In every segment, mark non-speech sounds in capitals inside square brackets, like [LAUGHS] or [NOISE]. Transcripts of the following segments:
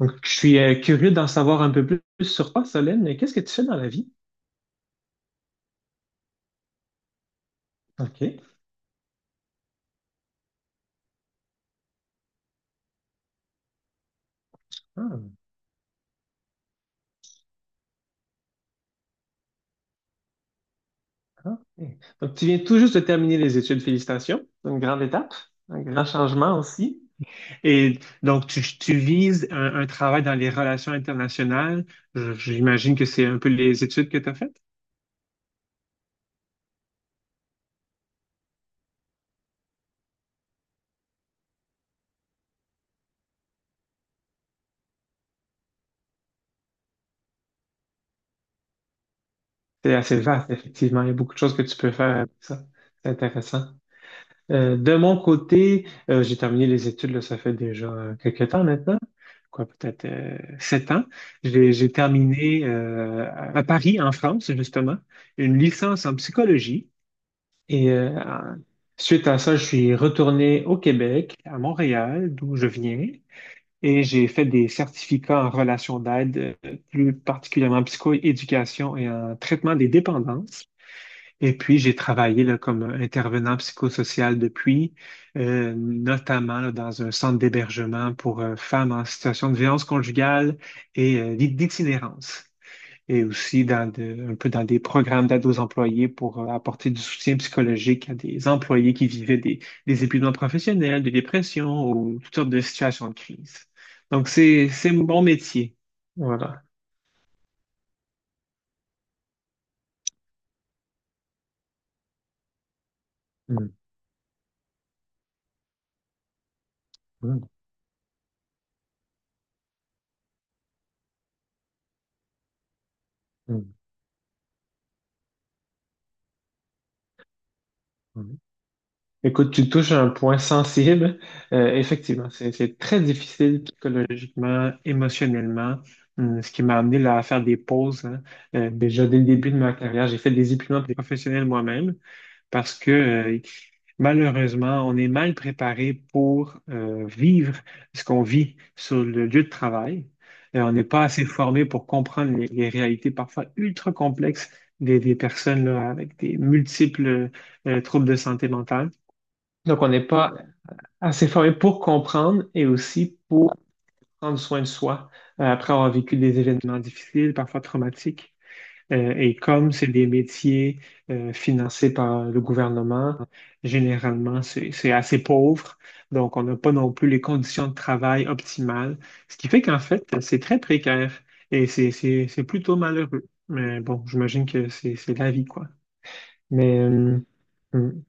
Donc, je suis curieux d'en savoir un peu plus sur toi, Solène. Qu'est-ce que tu fais dans la vie? OK. Ah, ah, ok. Donc, tu viens tout juste de terminer les études. Félicitations. C'est une grande étape, un grand changement aussi. Et donc, tu vises un travail dans les relations internationales. J'imagine que c'est un peu les études que tu as faites. C'est assez vaste, effectivement. Il y a beaucoup de choses que tu peux faire avec ça. C'est intéressant. De mon côté, j'ai terminé les études, là, ça fait déjà quelques temps maintenant, quoi, peut-être sept ans. J'ai terminé à Paris, en France, justement, une licence en psychologie. Et suite à ça, je suis retourné au Québec, à Montréal, d'où je viens, et j'ai fait des certificats en relations d'aide, plus particulièrement en psychoéducation et en traitement des dépendances. Et puis, j'ai travaillé là, comme intervenant psychosocial depuis, notamment là, dans un centre d'hébergement pour femmes en situation de violence conjugale et d'itinérance. Et aussi dans un peu dans des programmes d'aide aux employés pour apporter du soutien psychologique à des employés qui vivaient des épuisements professionnels, de dépression ou toutes sortes de situations de crise. Donc, c'est mon métier. Voilà. Mm, mm, mm, mm. Écoute, tu touches un point sensible. Effectivement, c'est très difficile psychologiquement, émotionnellement. Ce qui m'a amené là, à faire des pauses, hein. Déjà dès le début de ma carrière, j'ai fait des épuisements professionnels moi-même parce que malheureusement, on est mal préparé pour vivre ce qu'on vit sur le lieu de travail. On n'est pas assez formé pour comprendre les réalités parfois ultra complexes des personnes là, avec des multiples troubles de santé mentale. Donc, on n'est pas assez formé pour comprendre et aussi pour prendre soin de soi après avoir vécu des événements difficiles, parfois traumatiques. Et comme c'est des métiers financés par le gouvernement, généralement, c'est assez pauvre. Donc, on n'a pas non plus les conditions de travail optimales, ce qui fait qu'en fait, c'est très précaire et c'est plutôt malheureux. Mais bon, j'imagine que c'est la vie, quoi. Mais... euh, hum,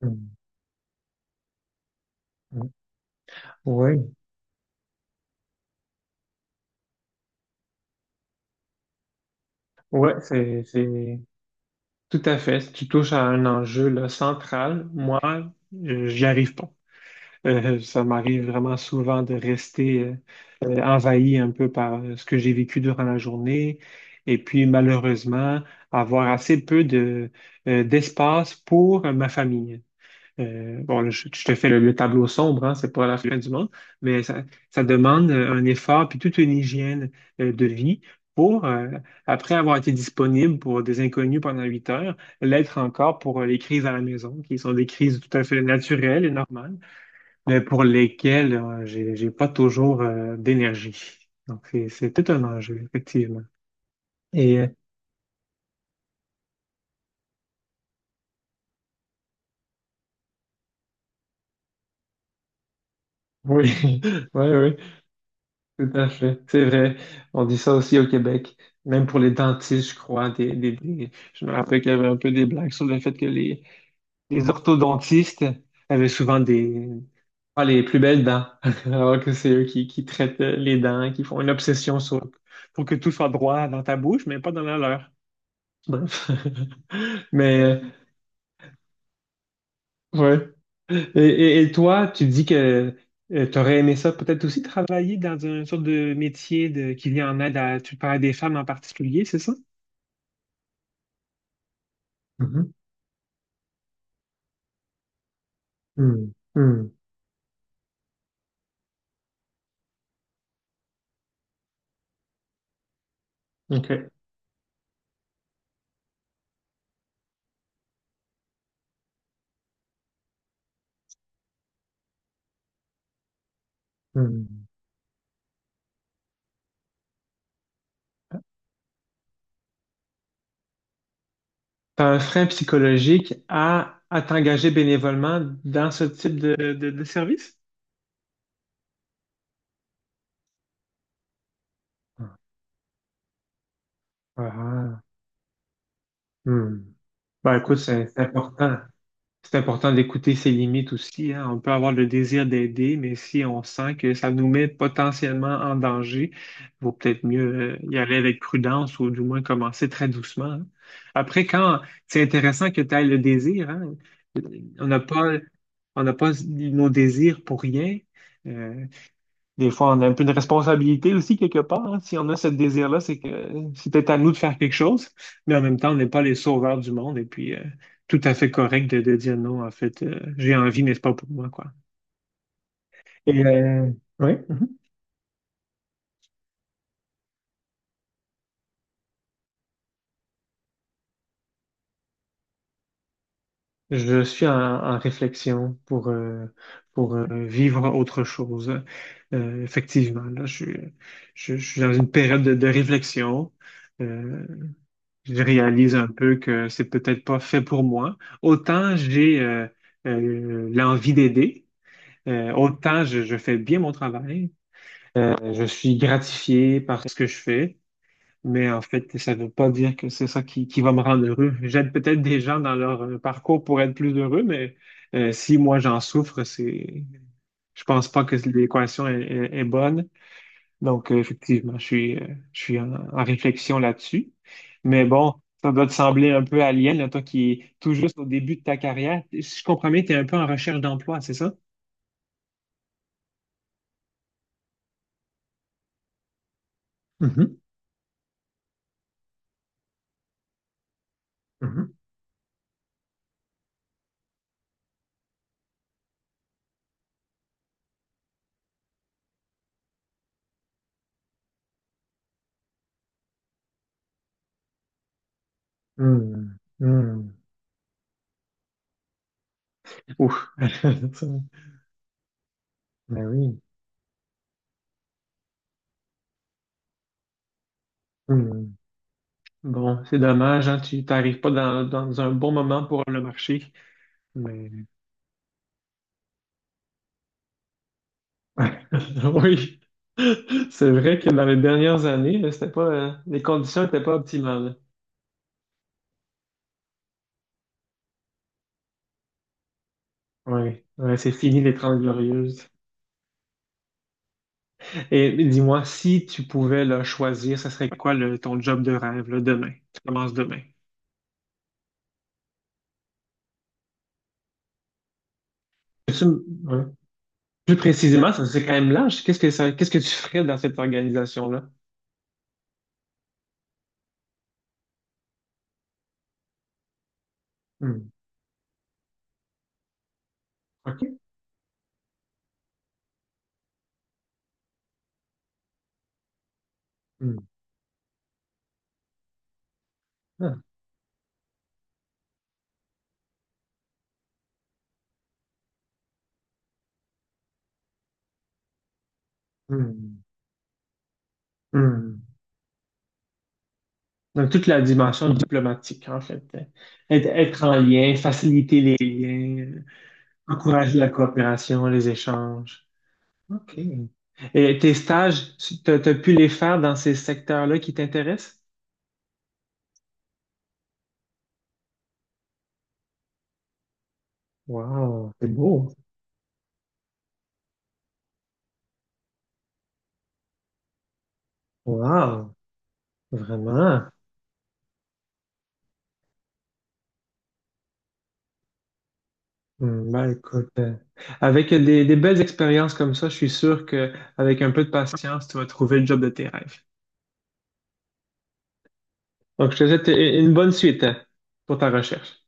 hum, hum. Oui, ouais, ouais, tout à fait. Si tu touches à un enjeu là, central, moi, j'y arrive pas. Ça m'arrive vraiment souvent de rester envahi un peu par ce que j'ai vécu durant la journée et puis malheureusement avoir assez peu d'espace pour ma famille. Bon, là, je te fais le tableau sombre, hein, c'est pas la fin du monde, mais ça demande un effort puis toute une hygiène de vie pour, après avoir été disponible pour des inconnus pendant huit heures, l'être encore pour les crises à la maison, qui sont des crises tout à fait naturelles et normales, mais pour lesquelles j'ai pas toujours d'énergie. Donc, c'est tout un enjeu, effectivement. Et euh, oui, [LAUGHS] oui, oui. Tout à fait, c'est vrai. On dit ça aussi au Québec, même pour les dentistes, je crois. Je me rappelle qu'il y avait un peu des blagues sur le fait que les orthodontistes avaient souvent des pas les plus belles dents, [LAUGHS] alors que c'est eux qui traitent les dents, qui font une obsession sur pour que tout soit droit dans ta bouche, mais pas dans la leur. Bref. [LAUGHS] Ouais. Et toi, tu dis que tu aurais aimé ça peut-être aussi travailler dans un sorte de métier de, qui vient en aide à, tu parles des femmes en particulier, c'est ça? Mhm. Hmm. Hmm. OK. Hmm. Tu un frein psychologique à, t'engager bénévolement dans ce type de service? Ah. Hmm. Ben écoute, c'est important. C'est important d'écouter ses limites aussi, hein. On peut avoir le désir d'aider, mais si on sent que ça nous met potentiellement en danger, vaut peut-être mieux y aller avec prudence ou du moins commencer très doucement, hein. Après, quand c'est intéressant que tu aies le désir, hein. On n'a pas, on n'a pas nos désirs pour rien. Euh, des fois, on a un peu de responsabilité aussi quelque part, hein. Si on a ce désir-là, c'est que c'est peut-être à nous de faire quelque chose, mais en même temps, on n'est pas les sauveurs du monde. Et puis, tout à fait correct de dire non, en fait, j'ai envie, mais c'est pas pour moi, quoi. Et euh, oui, mhm. Je suis en réflexion pour vivre autre chose. Effectivement, là, je suis dans une période de réflexion. Euh, je réalise un peu que c'est peut-être pas fait pour moi. Autant j'ai l'envie d'aider, autant je fais bien mon travail, je suis gratifié par ce que je fais, mais en fait, ça ne veut pas dire que c'est ça qui va me rendre heureux. J'aide peut-être des gens dans leur parcours pour être plus heureux, mais si moi j'en souffre, je pense pas que l'équation est bonne. Donc, effectivement, je suis en réflexion là-dessus. Mais bon, ça doit te sembler un peu alien, là, toi qui es tout juste au début de ta carrière. Si je comprends bien, tu es un peu en recherche d'emploi, c'est ça? Mhm, mhm, mhm, mhm. Ouf. [LAUGHS] Ben oui. Mhm. Bon, c'est dommage, hein, tu t'arrives pas dans un bon moment pour le marché. Mais [LAUGHS] oui, c'est vrai que dans les dernières années, c'était pas, les conditions n'étaient pas optimales. Oui, ouais, c'est fini les 30 glorieuses. Et dis-moi, si tu pouvais là, choisir, ça serait quoi ton job de rêve là, demain? Tu commences demain. Ouais. Plus précisément, ça c'est quand même large. Qu'est-ce que tu ferais dans cette organisation-là? Hmm. OK. Hmm. Ah. Hmm. Hmm. Donc, toute la dimension diplomatique, en fait, hein. Être en lien, faciliter les liens, encourager la coopération, les échanges. OK. Et tes stages, tu t'as, pu les faire dans ces secteurs-là qui t'intéressent? Wow, c'est beau. Wow, vraiment. Hmm, ben écoute, avec des belles expériences comme ça, je suis sûr que avec un peu de patience, tu vas trouver le job de tes rêves. Donc, je te souhaite une bonne suite, hein, pour ta recherche.